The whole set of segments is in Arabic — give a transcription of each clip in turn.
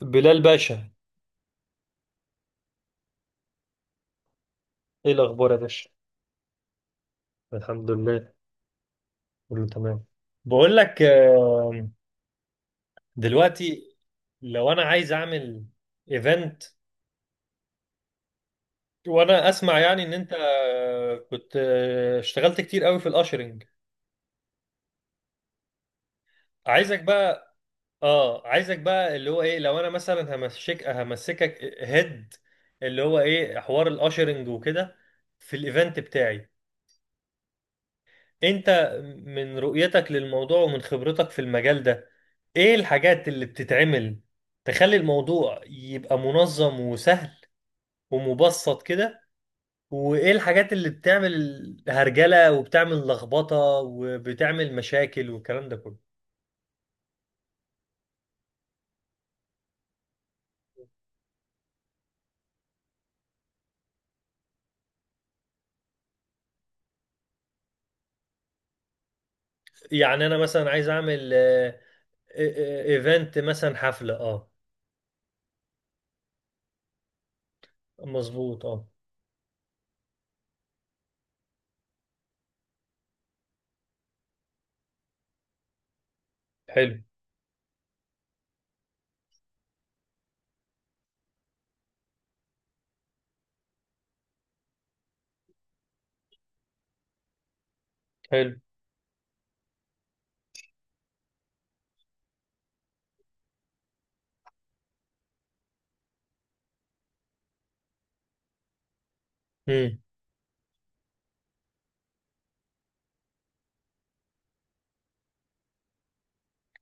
بلال باشا. ايه الاخبار يا باشا؟ الحمد لله، كله تمام. بقول لك، دلوقتي لو انا عايز اعمل ايفنت، وانا اسمع يعني ان انت كنت اشتغلت كتير قوي في الاشرنج. عايزك بقى اه عايزك بقى اللي هو ايه، لو انا مثلا همسكك هيد اللي هو ايه حوار الاشرنج وكده في الايفنت بتاعي. انت من رؤيتك للموضوع ومن خبرتك في المجال ده، ايه الحاجات اللي بتتعمل تخلي الموضوع يبقى منظم وسهل ومبسط كده، وايه الحاجات اللي بتعمل هرجلة وبتعمل لخبطة وبتعمل مشاكل والكلام ده كله؟ يعني انا مثلا عايز اعمل آه، ايفنت مثلا حفلة. اه مظبوط، اه. حلو. حلو. امم.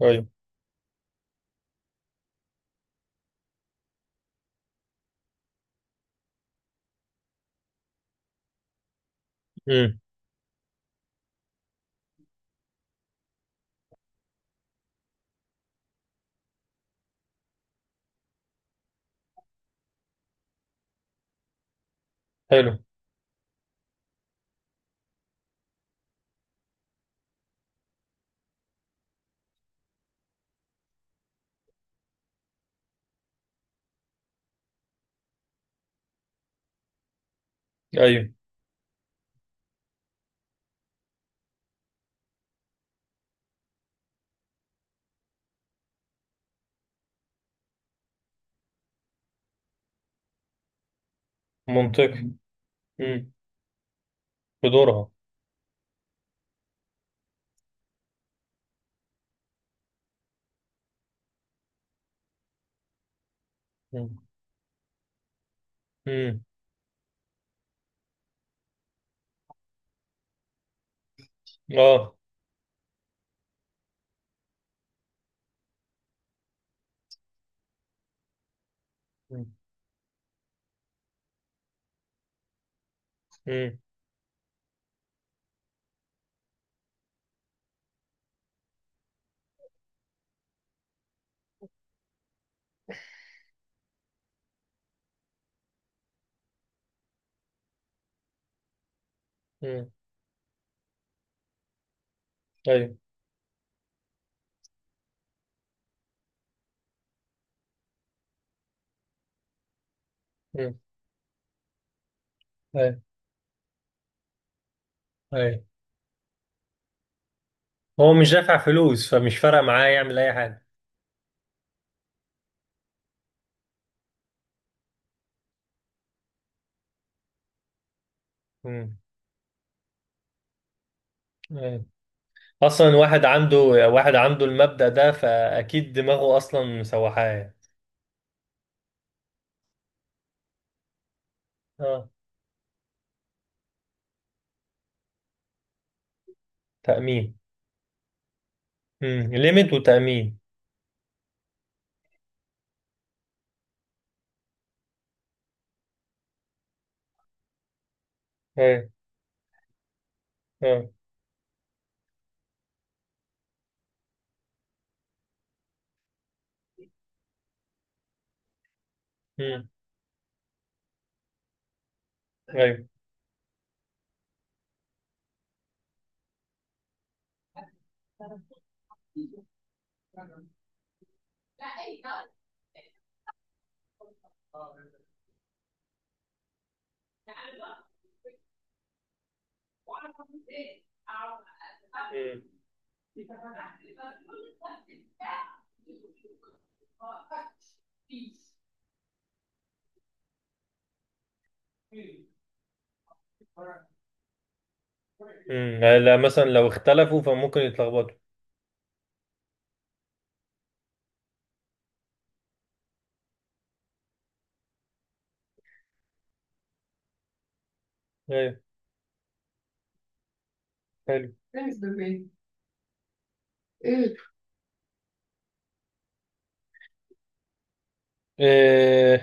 ايوه. امم. حلو. ايوه. منطقي. امم. بدورها. امم. اه. مم. مم. مم. ايوه. مم. ايوه. ايوه، هو مش دافع فلوس فمش فارق معاه يعمل اي حاجه. مم. ايوه، اصلا واحد عنده المبدأ ده فاكيد دماغه اصلا مسوحاه يعني. اه. تأمين. امم، ليميت وتأمين. ايوه. اه. امم. ايوه. امم. امم، لا مثلا لو اختلفوا فممكن يتلخبطوا. ايوه. حلو. إيه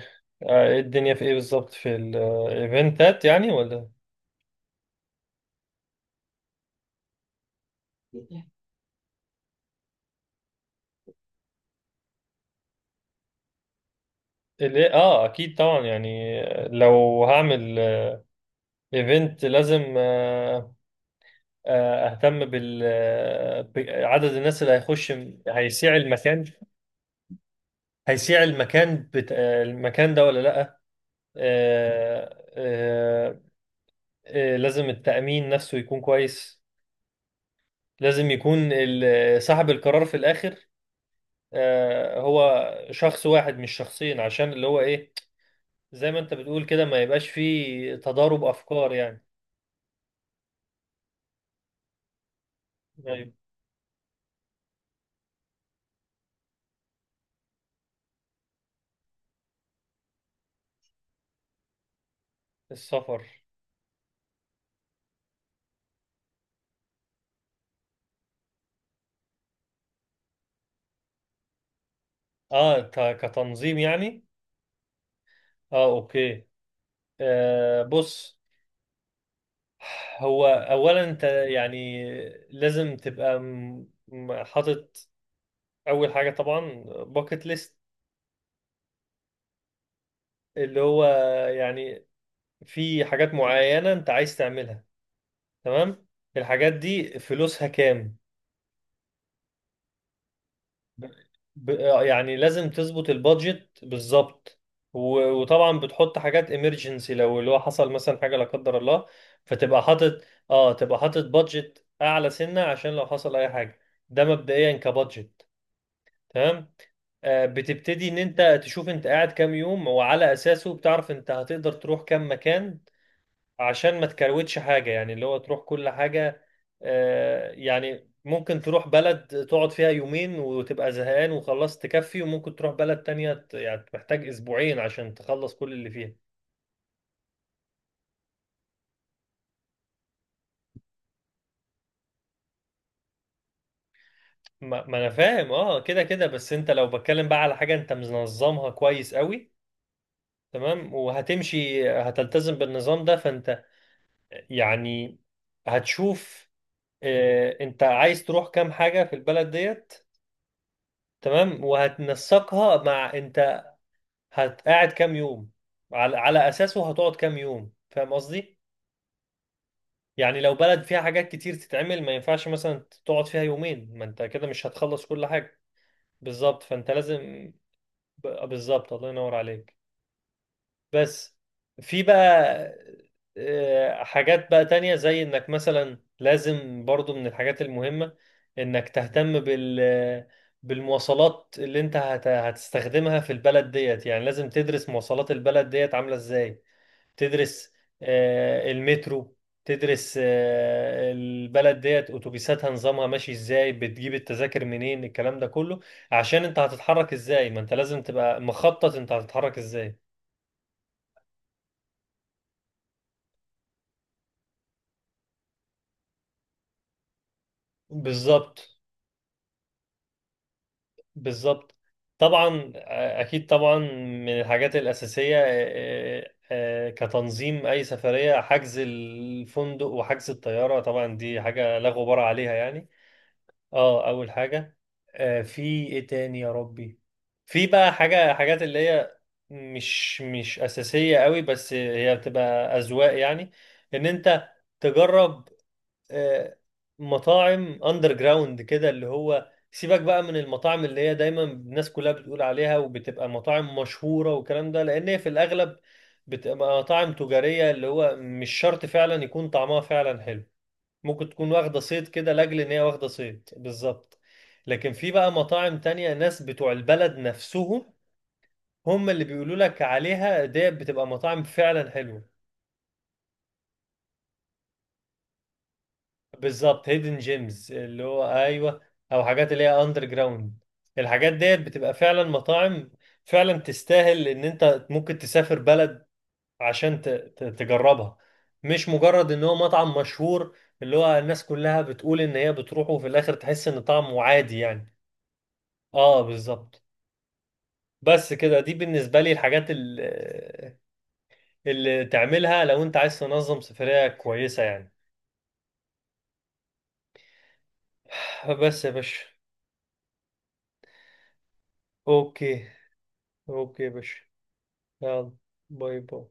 إيه الدنيا في ايه بالظبط في الايفنتات يعني ولا؟ ليه؟ اه، اكيد طبعا يعني. لو هعمل ايفنت لازم اهتم بال آه، بعدد الناس اللي هيخش، هيسيع المكان هيسيع المكان بت... آه، المكان ده ولا لا. آه، آه، لازم التأمين نفسه يكون كويس. لازم يكون صاحب القرار في الاخر، هو شخص واحد مش شخصين، عشان اللي هو ايه، زي ما انت بتقول كده، ما يبقاش فيه تضارب افكار يعني. طيب. السفر. اه، كتنظيم يعني. اه، اوكي. آه، بص. هو اولا انت يعني لازم تبقى حاطط اول حاجه طبعا باكت ليست، اللي هو يعني في حاجات معينه انت عايز تعملها. تمام. الحاجات دي فلوسها كام؟ ب... ب... آه، يعني لازم تظبط البادجت بالظبط. و... وطبعا بتحط حاجات امرجنسي لو اللي هو حصل مثلا حاجه لا قدر الله، فتبقى حاطط اه تبقى حاطط بادجت اعلى سنه عشان لو حصل اي حاجه. ده مبدئيا كبادجت. تمام. بتبتدي ان انت تشوف انت قاعد كام يوم، وعلى اساسه بتعرف انت هتقدر تروح كام مكان، عشان ما تكروتش حاجة، يعني اللي هو تروح كل حاجة. يعني ممكن تروح بلد تقعد فيها يومين وتبقى زهقان وخلاص تكفي، وممكن تروح بلد تانية يعني محتاج أسبوعين عشان تخلص كل اللي فيها. ما أنا فاهم، أه، كده كده، بس أنت لو بتكلم بقى على حاجة أنت منظمها كويس قوي. تمام، وهتمشي هتلتزم بالنظام ده، فأنت يعني هتشوف أنت عايز تروح كام حاجة في البلد ديت، تمام، وهتنسقها مع هتقعد كام يوم، على اساسه هتقعد كام يوم، فاهم قصدي؟ يعني لو بلد فيها حاجات كتير تتعمل ما ينفعش مثلا تقعد فيها يومين، ما انت كده مش هتخلص كل حاجة. بالظبط، فانت لازم بالظبط الله ينور عليك. بس في بقى حاجات بقى تانية، زي انك مثلا لازم برضو من الحاجات المهمة انك تهتم بالمواصلات اللي انت هتستخدمها في البلد ديت، يعني لازم تدرس مواصلات البلد ديت عاملة ازاي، تدرس المترو، تدرس البلد ديت اتوبيساتها نظامها ماشي ازاي، بتجيب التذاكر منين، الكلام ده كله، عشان انت هتتحرك ازاي، ما انت لازم تبقى مخطط انت هتتحرك ازاي. بالظبط. بالظبط. طبعا اكيد طبعا من الحاجات الاساسيه كتنظيم اي سفريه، حجز الفندق وحجز الطياره، طبعا دي حاجه لا غبار عليها يعني. اه، اول حاجه. في ايه تاني يا ربي؟ في بقى حاجات اللي هي مش اساسيه قوي، بس هي بتبقى اذواق يعني، ان انت تجرب آه مطاعم اندر جراوند كده، اللي هو سيبك بقى من المطاعم اللي هي دايما الناس كلها بتقول عليها وبتبقى مطاعم مشهوره والكلام ده، لان هي في الاغلب بتبقى مطاعم تجاريه، اللي هو مش شرط فعلا يكون طعمها فعلا حلو، ممكن تكون واخدة صيت كده لاجل ان هي واخدة صيت بالظبط. لكن في بقى مطاعم تانية ناس بتوع البلد نفسهم هم اللي بيقولوا لك عليها، ديت بتبقى مطاعم فعلا حلوة. بالظبط، هيدن جيمز، اللي هو ايوه. او حاجات اللي هي اندر جراوند، الحاجات ديت بتبقى فعلا مطاعم فعلا تستاهل ان انت ممكن تسافر بلد عشان تجربها، مش مجرد ان هو مطعم مشهور اللي هو الناس كلها بتقول ان هي بتروحه وفي الاخر تحس ان طعمه عادي يعني. اه، بالظبط. بس كده، دي بالنسبة لي الحاجات اللي تعملها لو انت عايز تنظم سفرية كويسة يعني. بس يا باشا. اوكي. اوكي يا باشا. يلا. باي باي.